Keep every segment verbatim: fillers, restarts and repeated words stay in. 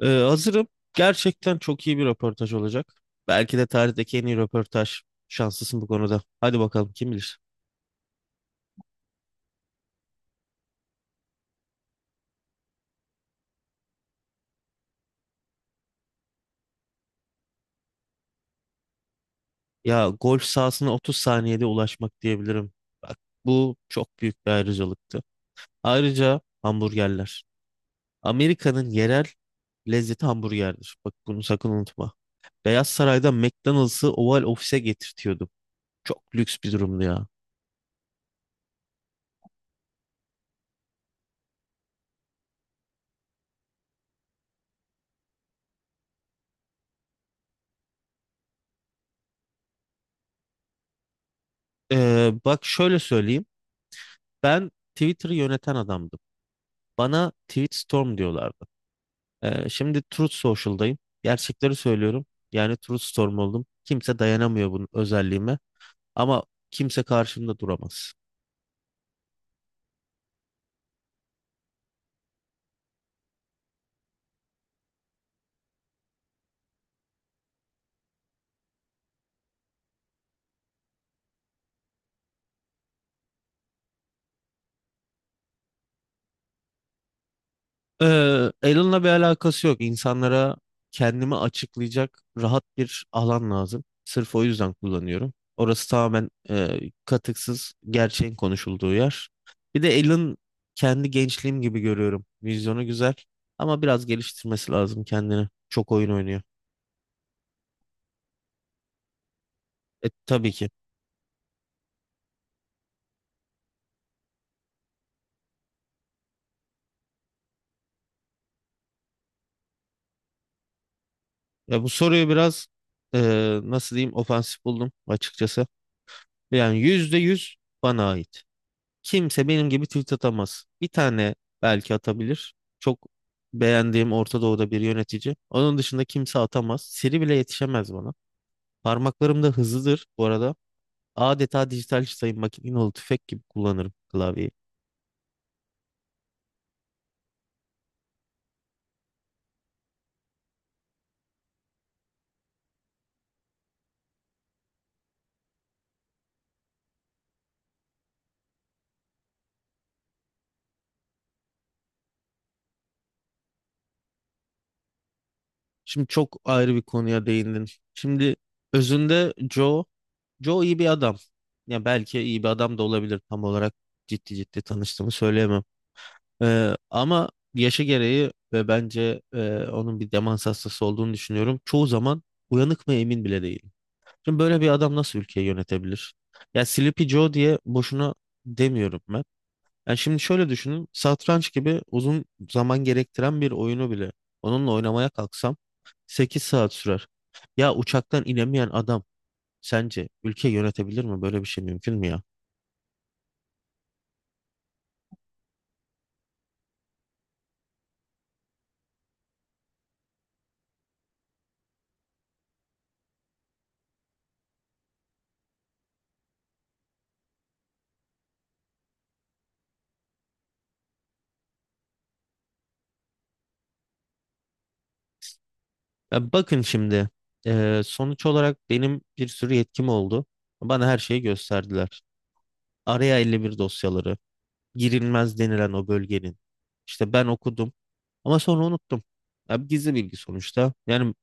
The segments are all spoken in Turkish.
Ee, hazırım. Gerçekten çok iyi bir röportaj olacak. Belki de tarihteki en iyi röportaj. Şanslısın bu konuda. Hadi bakalım kim bilir. Ya golf sahasına otuz saniyede ulaşmak diyebilirim. Bak bu çok büyük bir ayrıcalıktı. Ayrıca hamburgerler. Amerika'nın yerel lezzeti hamburgerdir. Bak bunu sakın unutma. Beyaz Saray'da McDonald's'ı Oval Office'e getirtiyordu. Çok lüks bir durumdu ya. Ee, bak şöyle söyleyeyim. Ben Twitter'ı yöneten adamdım. Bana Tweetstorm diyorlardı. Ee, şimdi Truth Social'dayım. Gerçekleri söylüyorum. Yani Truth Storm oldum. Kimse dayanamıyor bunun özelliğime. Ama kimse karşımda duramaz. Ee, Alan'la bir alakası yok. İnsanlara kendimi açıklayacak rahat bir alan lazım. Sırf o yüzden kullanıyorum. Orası tamamen e, katıksız, gerçeğin konuşulduğu yer. Bir de Alan kendi gençliğim gibi görüyorum. Vizyonu güzel ama biraz geliştirmesi lazım kendini. Çok oyun oynuyor. E, tabii ki. Ya bu soruyu biraz e, nasıl diyeyim ofansif buldum açıkçası. Yani yüzde yüz bana ait. Kimse benim gibi tweet atamaz. Bir tane belki atabilir. Çok beğendiğim Orta Doğu'da bir yönetici. Onun dışında kimse atamaz. Siri bile yetişemez bana. Parmaklarım da hızlıdır bu arada. Adeta dijital sayım makineli tüfek gibi kullanırım klavyeyi. Şimdi çok ayrı bir konuya değindin. Şimdi özünde Joe, Joe iyi bir adam. Ya belki iyi bir adam da olabilir tam olarak ciddi ciddi tanıştığımı söyleyemem. Ee, ama yaşı gereği ve bence e, onun bir demans hastası olduğunu düşünüyorum. Çoğu zaman uyanık mı emin bile değilim. Şimdi böyle bir adam nasıl ülkeyi yönetebilir? Ya Sleepy Joe diye boşuna demiyorum ben. Yani şimdi şöyle düşünün. Satranç gibi uzun zaman gerektiren bir oyunu bile onunla oynamaya kalksam sekiz saat sürer. Ya uçaktan inemeyen adam sence ülke yönetebilir mi? Böyle bir şey mümkün mü ya? Ya bakın şimdi eee, sonuç olarak benim bir sürü yetkim oldu. Bana her şeyi gösterdiler. Araya elli bir dosyaları, girilmez denilen o bölgenin. İşte ben okudum ama sonra unuttum. Ya gizli bilgi sonuçta. Yani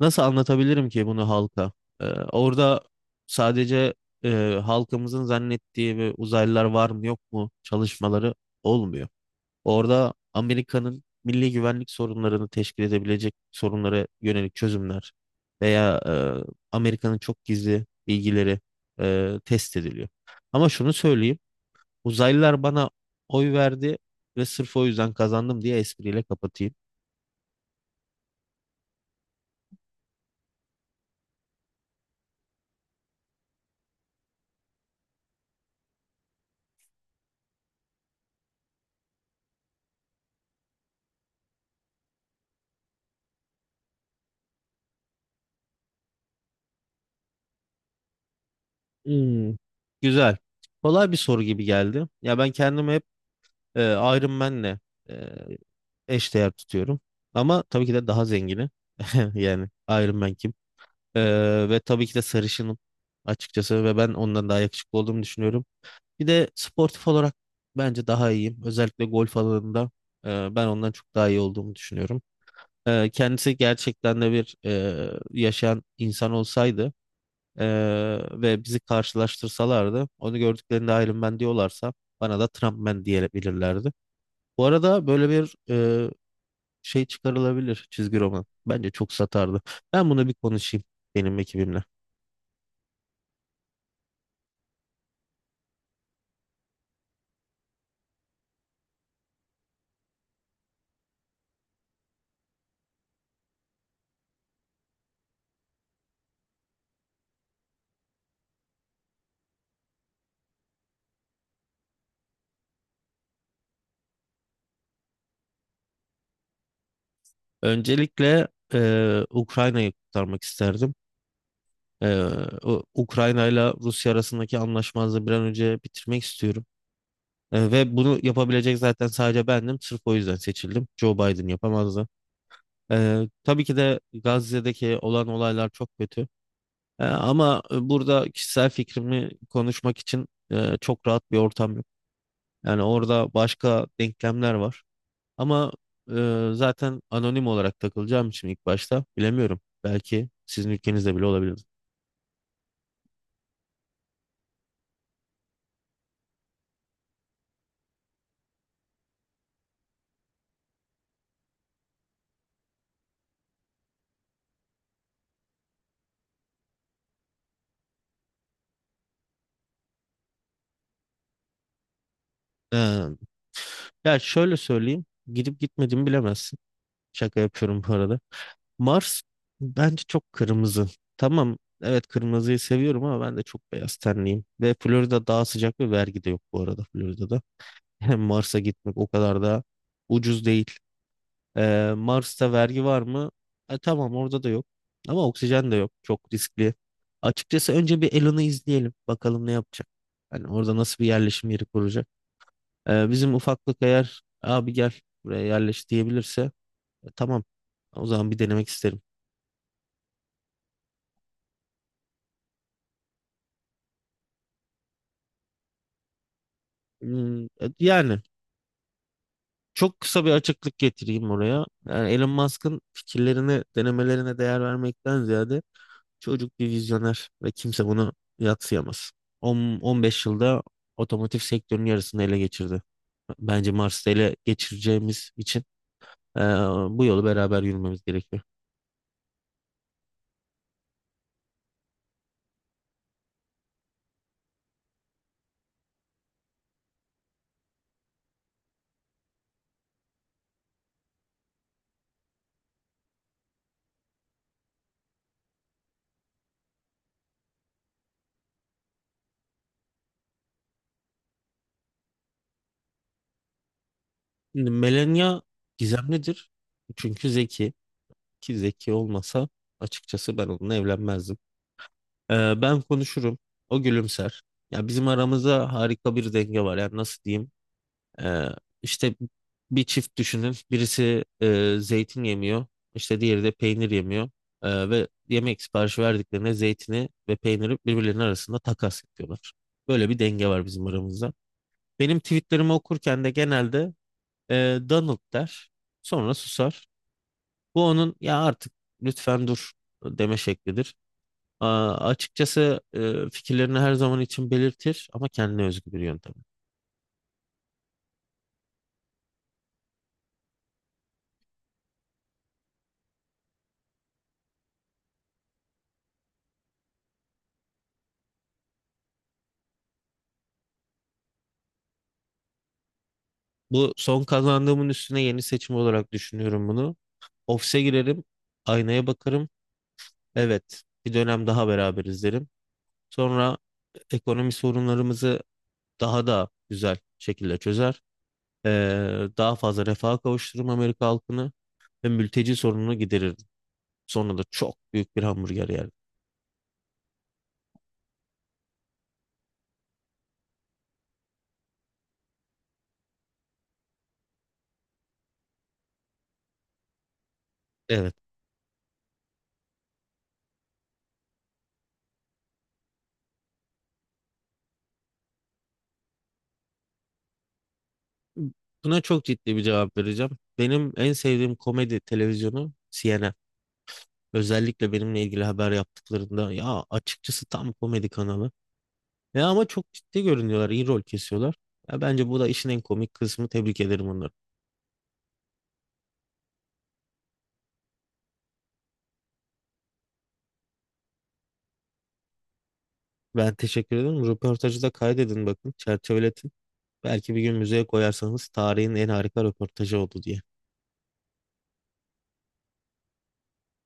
nasıl anlatabilirim ki bunu halka? Eee, Orada sadece eee, halkımızın zannettiği ve uzaylılar var mı yok mu çalışmaları olmuyor. Orada Amerika'nın milli güvenlik sorunlarını teşkil edebilecek sorunlara yönelik çözümler veya e, Amerika'nın çok gizli bilgileri e, test ediliyor. Ama şunu söyleyeyim, uzaylılar bana oy verdi ve sırf o yüzden kazandım diye espriyle kapatayım. Hmm. Güzel. Kolay bir soru gibi geldi. Ya ben kendimi hep e, Iron Man'le e, eşdeğer tutuyorum. Ama tabii ki de daha zengini. Yani Iron Man kim? Ee, ve tabii ki de sarışınım açıkçası ve ben ondan daha yakışıklı olduğumu düşünüyorum. Bir de sportif olarak bence daha iyiyim. Özellikle golf alanında e, ben ondan çok daha iyi olduğumu düşünüyorum. Ee, kendisi gerçekten de bir e, yaşayan insan olsaydı e, ve bizi karşılaştırsalardı onu gördüklerinde Iron Man diyorlarsa bana da Trump Man diyebilirlerdi. Bu arada böyle bir e, şey çıkarılabilir çizgi roman. Bence çok satardı. Ben bunu bir konuşayım benim ekibimle. Öncelikle eee, Ukrayna'yı kurtarmak isterdim. Eee, o- Ukrayna ile Rusya arasındaki anlaşmazlığı bir an önce bitirmek istiyorum. Eee, ve bunu yapabilecek zaten sadece bendim. Sırf o yüzden seçildim. Joe Biden yapamazdı. Eee, tabii ki de Gazze'deki olan olaylar çok kötü. Eee, ama burada kişisel fikrimi konuşmak için eee, çok rahat bir ortam yok. Yani orada başka denklemler var. Ama e, zaten anonim olarak takılacağım için ilk başta bilemiyorum. Belki sizin ülkenizde bile olabilir. Ee, Ya şöyle söyleyeyim. Gidip gitmediğimi bilemezsin. Şaka yapıyorum bu arada. Mars bence çok kırmızı. Tamam, evet, kırmızıyı seviyorum ama ben de çok beyaz tenliyim. Ve Florida daha sıcak ve vergi de yok bu arada Florida'da. Mars'a gitmek o kadar da ucuz değil. Ee, Mars'ta vergi var mı? E, tamam, orada da yok. Ama oksijen de yok. Çok riskli. Açıkçası önce bir Elon'u izleyelim. Bakalım ne yapacak. Hani orada nasıl bir yerleşim yeri kuracak. Ee, bizim ufaklık eğer abi gel buraya yerleş diyebilirse e, tamam. O zaman bir denemek isterim. Hmm, e, yani çok kısa bir açıklık getireyim oraya. Yani Elon Musk'ın fikirlerini denemelerine değer vermekten ziyade çocuk bir vizyoner ve kimse bunu yadsıyamaz. on, on beş yılda otomotiv sektörünün yarısını ele geçirdi. Bence Mars'ta ele geçireceğimiz için eee, bu yolu beraber yürümemiz gerekiyor. Şimdi Melania gizemlidir. Çünkü zeki. Ki zeki olmasa açıkçası ben onunla evlenmezdim. Eee, ben konuşurum. O gülümser. Ya bizim aramızda harika bir denge var. Yani nasıl diyeyim? Ee, işte bir çift düşünün. Birisi e, zeytin yemiyor. İşte diğeri de peynir yemiyor. Ee, ve yemek siparişi verdiklerine zeytini ve peyniri birbirlerinin arasında takas ediyorlar. Böyle bir denge var bizim aramızda. Benim tweetlerimi okurken de genelde e, Donald der. Sonra susar. Bu onun ya artık lütfen dur deme şeklidir. Aa, açıkçası e, fikirlerini her zaman için belirtir ama kendine özgü bir yöntem. Bu son kazandığımın üstüne yeni seçim olarak düşünüyorum bunu. Ofise girerim, aynaya bakarım. Evet, bir dönem daha beraberiz derim. Sonra ekonomi sorunlarımızı daha da güzel şekilde çözer. Ee, Daha fazla refaha kavuşturur Amerika halkını ve mülteci sorununu giderir. Sonra da çok büyük bir hamburger yer. Evet. Buna çok ciddi bir cevap vereceğim. Benim en sevdiğim komedi televizyonu C N N. Özellikle benimle ilgili haber yaptıklarında ya açıkçası tam komedi kanalı. Ya ama çok ciddi görünüyorlar, iyi rol kesiyorlar. Ya bence bu da işin en komik kısmı. Tebrik ederim onları. Ben teşekkür ederim. Röportajı da kaydedin bakın. Çerçeveletin. Belki bir gün müzeye koyarsanız tarihin en harika röportajı oldu diye.